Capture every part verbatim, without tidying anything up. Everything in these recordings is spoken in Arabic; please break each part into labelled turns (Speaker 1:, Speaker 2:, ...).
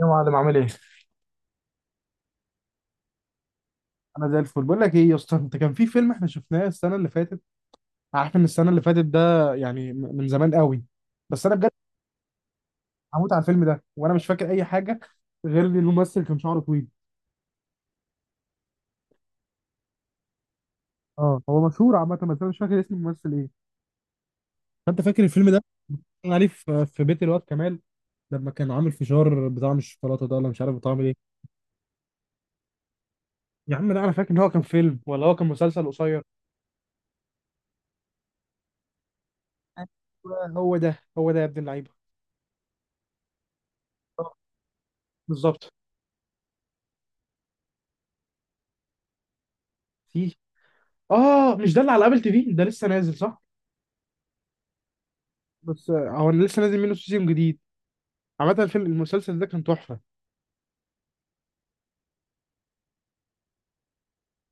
Speaker 1: يا معلم عامل ايه؟ انا زي الفل، بقول لك ايه يا اسطى، انت كان في فيلم احنا شفناه السنه اللي فاتت. عارف ان السنه اللي فاتت ده يعني م- من زمان قوي. بس انا بجد هموت على الفيلم ده وانا مش فاكر اي حاجه غير ان الممثل كان شعره طويل. اه هو مشهور عامه، بس انا مش فاكر اسم الممثل ايه. فانت فاكر الفيلم ده؟ كان عليه في في بيت الواد كمال لما كان عامل فشار بطعم الشوكولاته ده، ولا مش عارف بطعم ايه. يا عم لا، انا فاكر ان هو كان فيلم، ولا هو كان مسلسل قصير. أيوة، هو ده هو ده يا ابن اللعيبه. آه، بالظبط. في. اه، مش ده اللي على ابل تي في ده لسه نازل صح؟ بس هو انا لسه نازل منه سيزون جديد. عامة الفيلم المسلسل ده كان تحفة.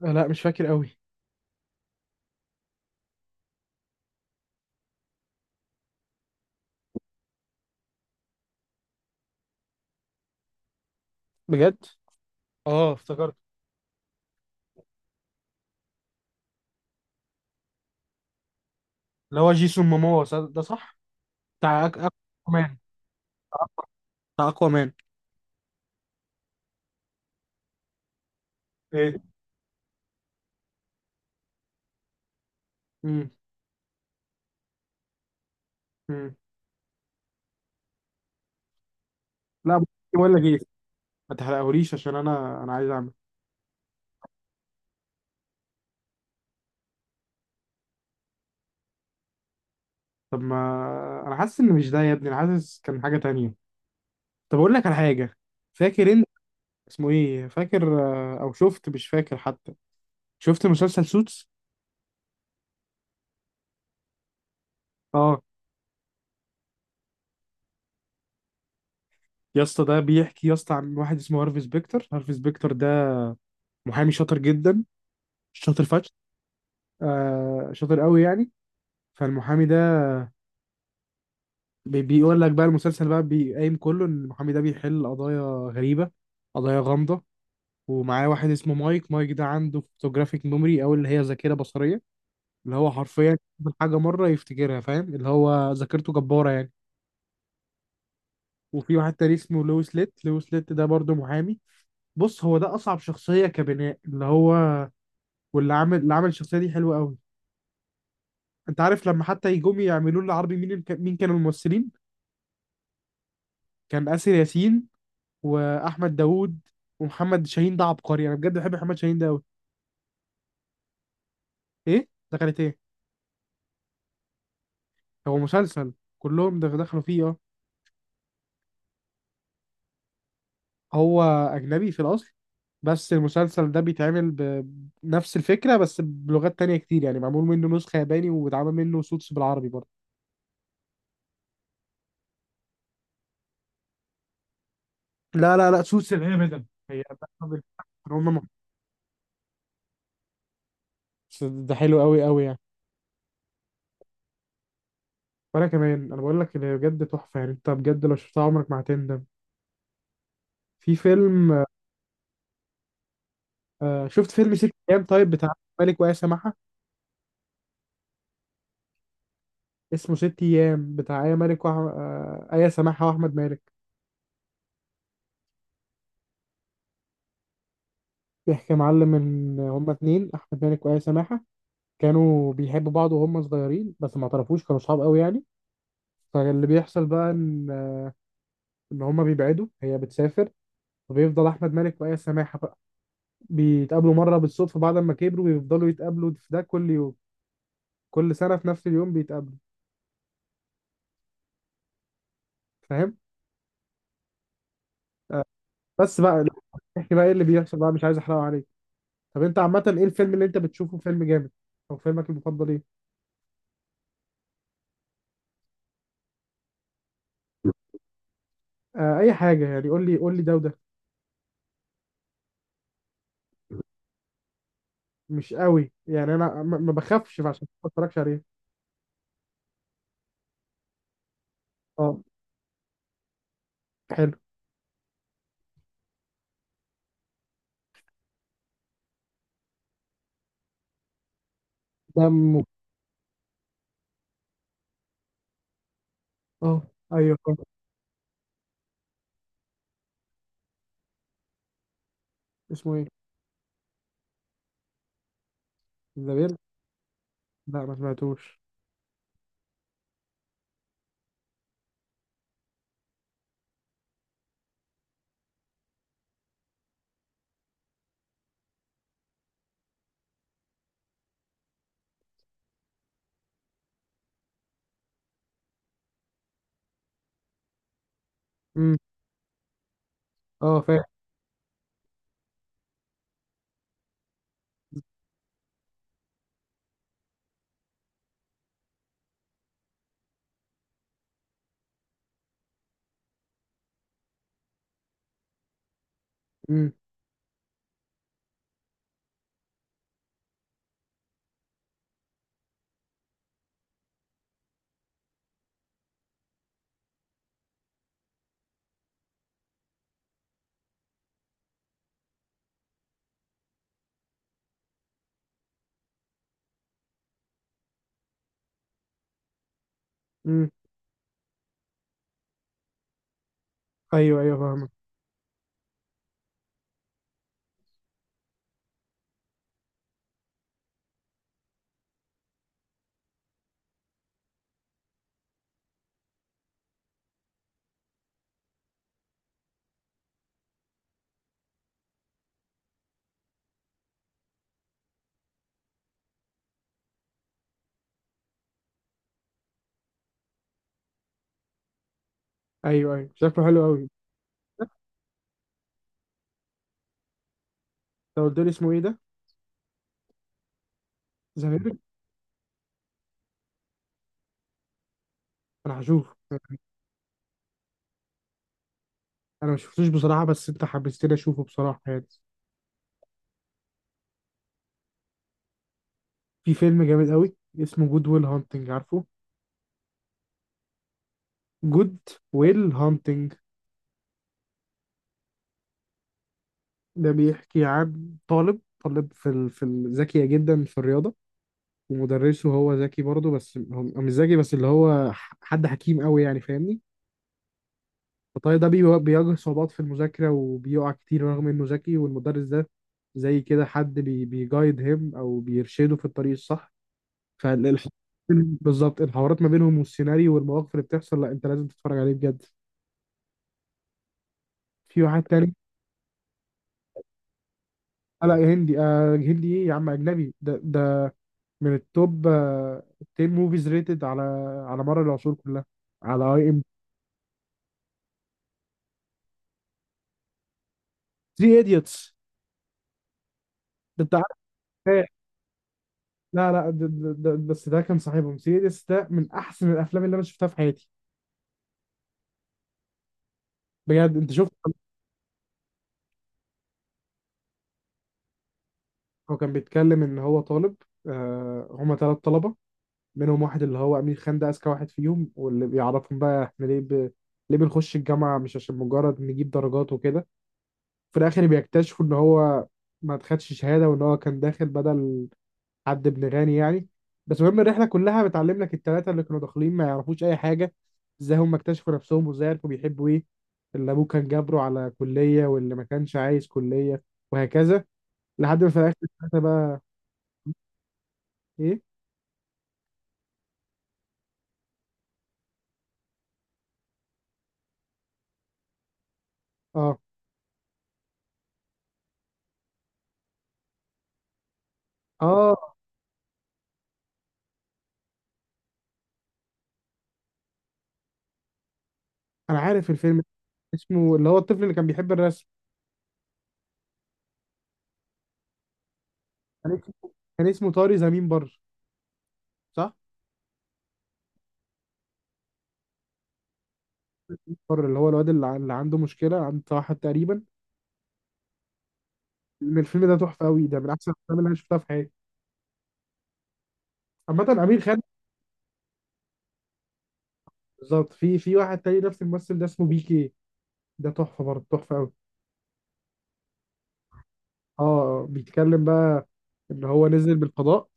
Speaker 1: آه، لا مش فاكر قوي. بجد؟ اه افتكرت. اللي هو جيسون موموا صح- ده صح؟ بتاع أك- اكوامان. بتاع اكوامان. ايه. امم. امم. لا، بقول لك ايه، ما تحرقهوليش، عشان انا انا عايز اعمل. طب ما انا حاسس ان مش ده يا ابني، انا حاسس كان حاجة تانية. طب اقول لك على حاجة، فاكر انت اسمه ايه؟ فاكر؟ آه، او شفت؟ مش فاكر حتى. شفت مسلسل سوتس؟ اه. يا اسطى ده بيحكي يا اسطى عن واحد اسمه هارفي سبيكتر. هارفي سبيكتر ده محامي شاطر جدا، شاطر فشخ. آه، شاطر قوي يعني. فالمحامي ده بي- بيقول لك بقى المسلسل بقى بيقايم كله ان المحامي ده بيحل قضايا غريبة، قضايا غامضة. ومعاه واحد اسمه مايك. مايك ده عنده فوتوجرافيك ميموري، او اللي هي ذاكرة بصرية، اللي هو حرفيا يشوف الحاجة مرة يفتكرها، فاهم؟ اللي هو ذاكرته جبارة يعني. وفي واحد تاني اسمه لويس ليت. لويس ليت ده برضه محامي. بص، هو ده اصعب شخصية كبناء، اللي هو، واللي عامل، اللي عامل الشخصية دي حلوة قوي. انت عارف لما حتى يجوم يعملوا له عربي، مين الك- مين كانوا الممثلين؟ كان آسر ياسين واحمد داوود ومحمد شاهين. ده عبقري، انا بجد بحب محمد شاهين ده قوي. ايه دخلت ايه؟ هو مسلسل. كلهم دخ- دخلوا فيه، اه. هو اجنبي في الاصل، بس المسلسل ده بيتعمل ب- بنفس الفكره، بس بلغات تانية كتير، يعني معمول منه نسخه ياباني، واتعمل منه سوتس بالعربي برضه. لا لا لا سوتس اللي هي بدل هي. بدل. هم م- بس ده حلو قوي قوي يعني. وانا كمان، انا بقول لك اللي بجد تحفه يعني، انت بجد لو شفتها عمرك ما هتندم. في فيلم، آه شفت فيلم ست ايام؟ طيب، بتاع مالك وآية سماحة. اسمه ست ايام، بتاع آية مالك وأح... آه آية سماحة وأحمد مالك. بيحكي يا معلم إن هما اتنين، أحمد مالك وآية سماحة، كانوا بيحبوا بعض وهم صغيرين بس ما اعترفوش، كانوا صحاب قوي يعني. فاللي بيحصل بقى إن إن هما بيبعدوا، هي بتسافر، وبيفضل أحمد مالك وآية سماحة بقى بيتقابلوا مرة بالصدفة بعد ما كبروا، بيفضلوا يتقابلوا في ده كل يوم، كل سنة في نفس اليوم بيتقابلوا، فاهم؟ بس بقى، احكي بقى ايه اللي بيحصل بقى؟ مش عايز احرقه عليك. طب انت عامة ايه الفيلم اللي انت بتشوفه فيلم جامد، او فيلمك المفضل ايه؟ آه اي حاجة يعني، قول لي قول لي ده وده. مش قوي يعني، انا ما ما بخافش، فعشان كده ما اتفرجش عليه. اه، حلو. دمه، اه. ايوه، آه. اسمه ايه؟ زبير؟ لا ما سمعتوش. امم. اه فاهم. امم. امم. ايوه ايوه فاهمك. ايوه ايوه شكله حلو قوي. لو قلت لي اسمه ايه ده؟ زبير؟ انا هشوفه. انا ما شفتوش بصراحة، بس انت حبستني اشوفه بصراحة يعني. في فيلم جامد قوي اسمه جود ويل هانتنج، عارفه؟ جود ويل هانتنج ده بيحكي عن طالب، طالب في ال... في ال- ذكية جدا في الرياضة، ومدرسه. هو ذكي برضه، بس هو مش ذكي بس، اللي هو ح- حد حكيم قوي يعني، فاهمني؟ فالطالب ده بي- بيواجه صعوبات في المذاكرة وبيقع كتير رغم انه ذكي، والمدرس ده زي كده حد بي... بيجايد هيم، او بيرشده في الطريق الصح. فالح... بالظبط، الحوارات ما بينهم والسيناريو والمواقف اللي بتحصل، لا انت لازم تتفرج عليه بجد. في واحد تاني. آه لا يا هندي، آه هندي ايه يا عم، اجنبي ده ده، من التوب آه، تن موفيز ريتد على على مر العصور كلها، على اي ام. ثري ايديوتس، ده انت عارف. إيه؟ لا لا ده ده ده بس ده كان صاحبهم. تلاتة ايديوتس ده من احسن الافلام اللي انا شفتها في حياتي. بجد، انت شفت؟ هو كان بيتكلم ان هو طالب، آه هما ثلاث طلبه، منهم واحد اللي هو امير خان، ده اذكى واحد فيهم، واللي بيعرفهم بقى احنا ليه ب... ليه بنخش الجامعه، مش عشان مجرد نجيب درجات وكده. في الاخر بيكتشفوا ان هو ما خدش شهاده، وان هو كان داخل بدل حد ابن غني يعني. بس المهم الرحله كلها بتعلم لك الثلاثه اللي كانوا داخلين ما يعرفوش اي حاجه، ازاي هم اكتشفوا نفسهم، وازاي عرفوا بيحبوا ايه، اللي ابوه كان جابره على كليه، واللي ما كانش عايز كليه، وهكذا. لحد ما في الاخر الثلاثه بقى، ايه؟ اه. اه انا عارف الفيلم. اسمه، اللي هو الطفل اللي كان بيحب الرسم، كان اسمه، كان اسمه طاري زمين بر، صح؟ بر، اللي هو الواد اللي ع- اللي عنده مشكله، عنده توحد تقريبا. الفيلم ده تحفه قوي، ده من احسن الافلام اللي انا شفتها في حياتي. عامه امير خان. بالظبط، في في واحد تاني نفس الممثل ده اسمه بي كي. ده تحفه برضه، تحفه قوي. اه. آه، بيتكلم بقى ان هو نزل بالفضاء،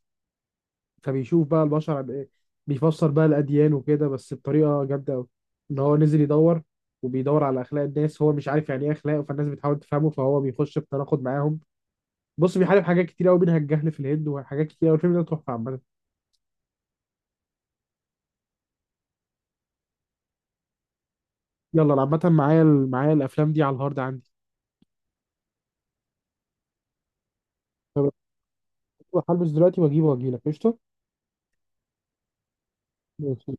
Speaker 1: فبيشوف بقى البشر عن ايه، بيفسر بقى الاديان وكده بس بطريقه جامده قوي. ان هو نزل يدور، وبيدور على اخلاق الناس. هو مش عارف يعني ايه اخلاق، فالناس بتحاول تفهمه، فهو بيخش في تناقض معاهم. بص، بيحارب حاجات كتير قوي منها الجهل في الهند وحاجات كتير قوي. الفيلم ده تحفه عامه. يلا أنا عامه معايا ال- معايا الافلام دي على الهارد عندي. طب هلبس دلوقتي واجيبه واجيلك قشطه. ماشي.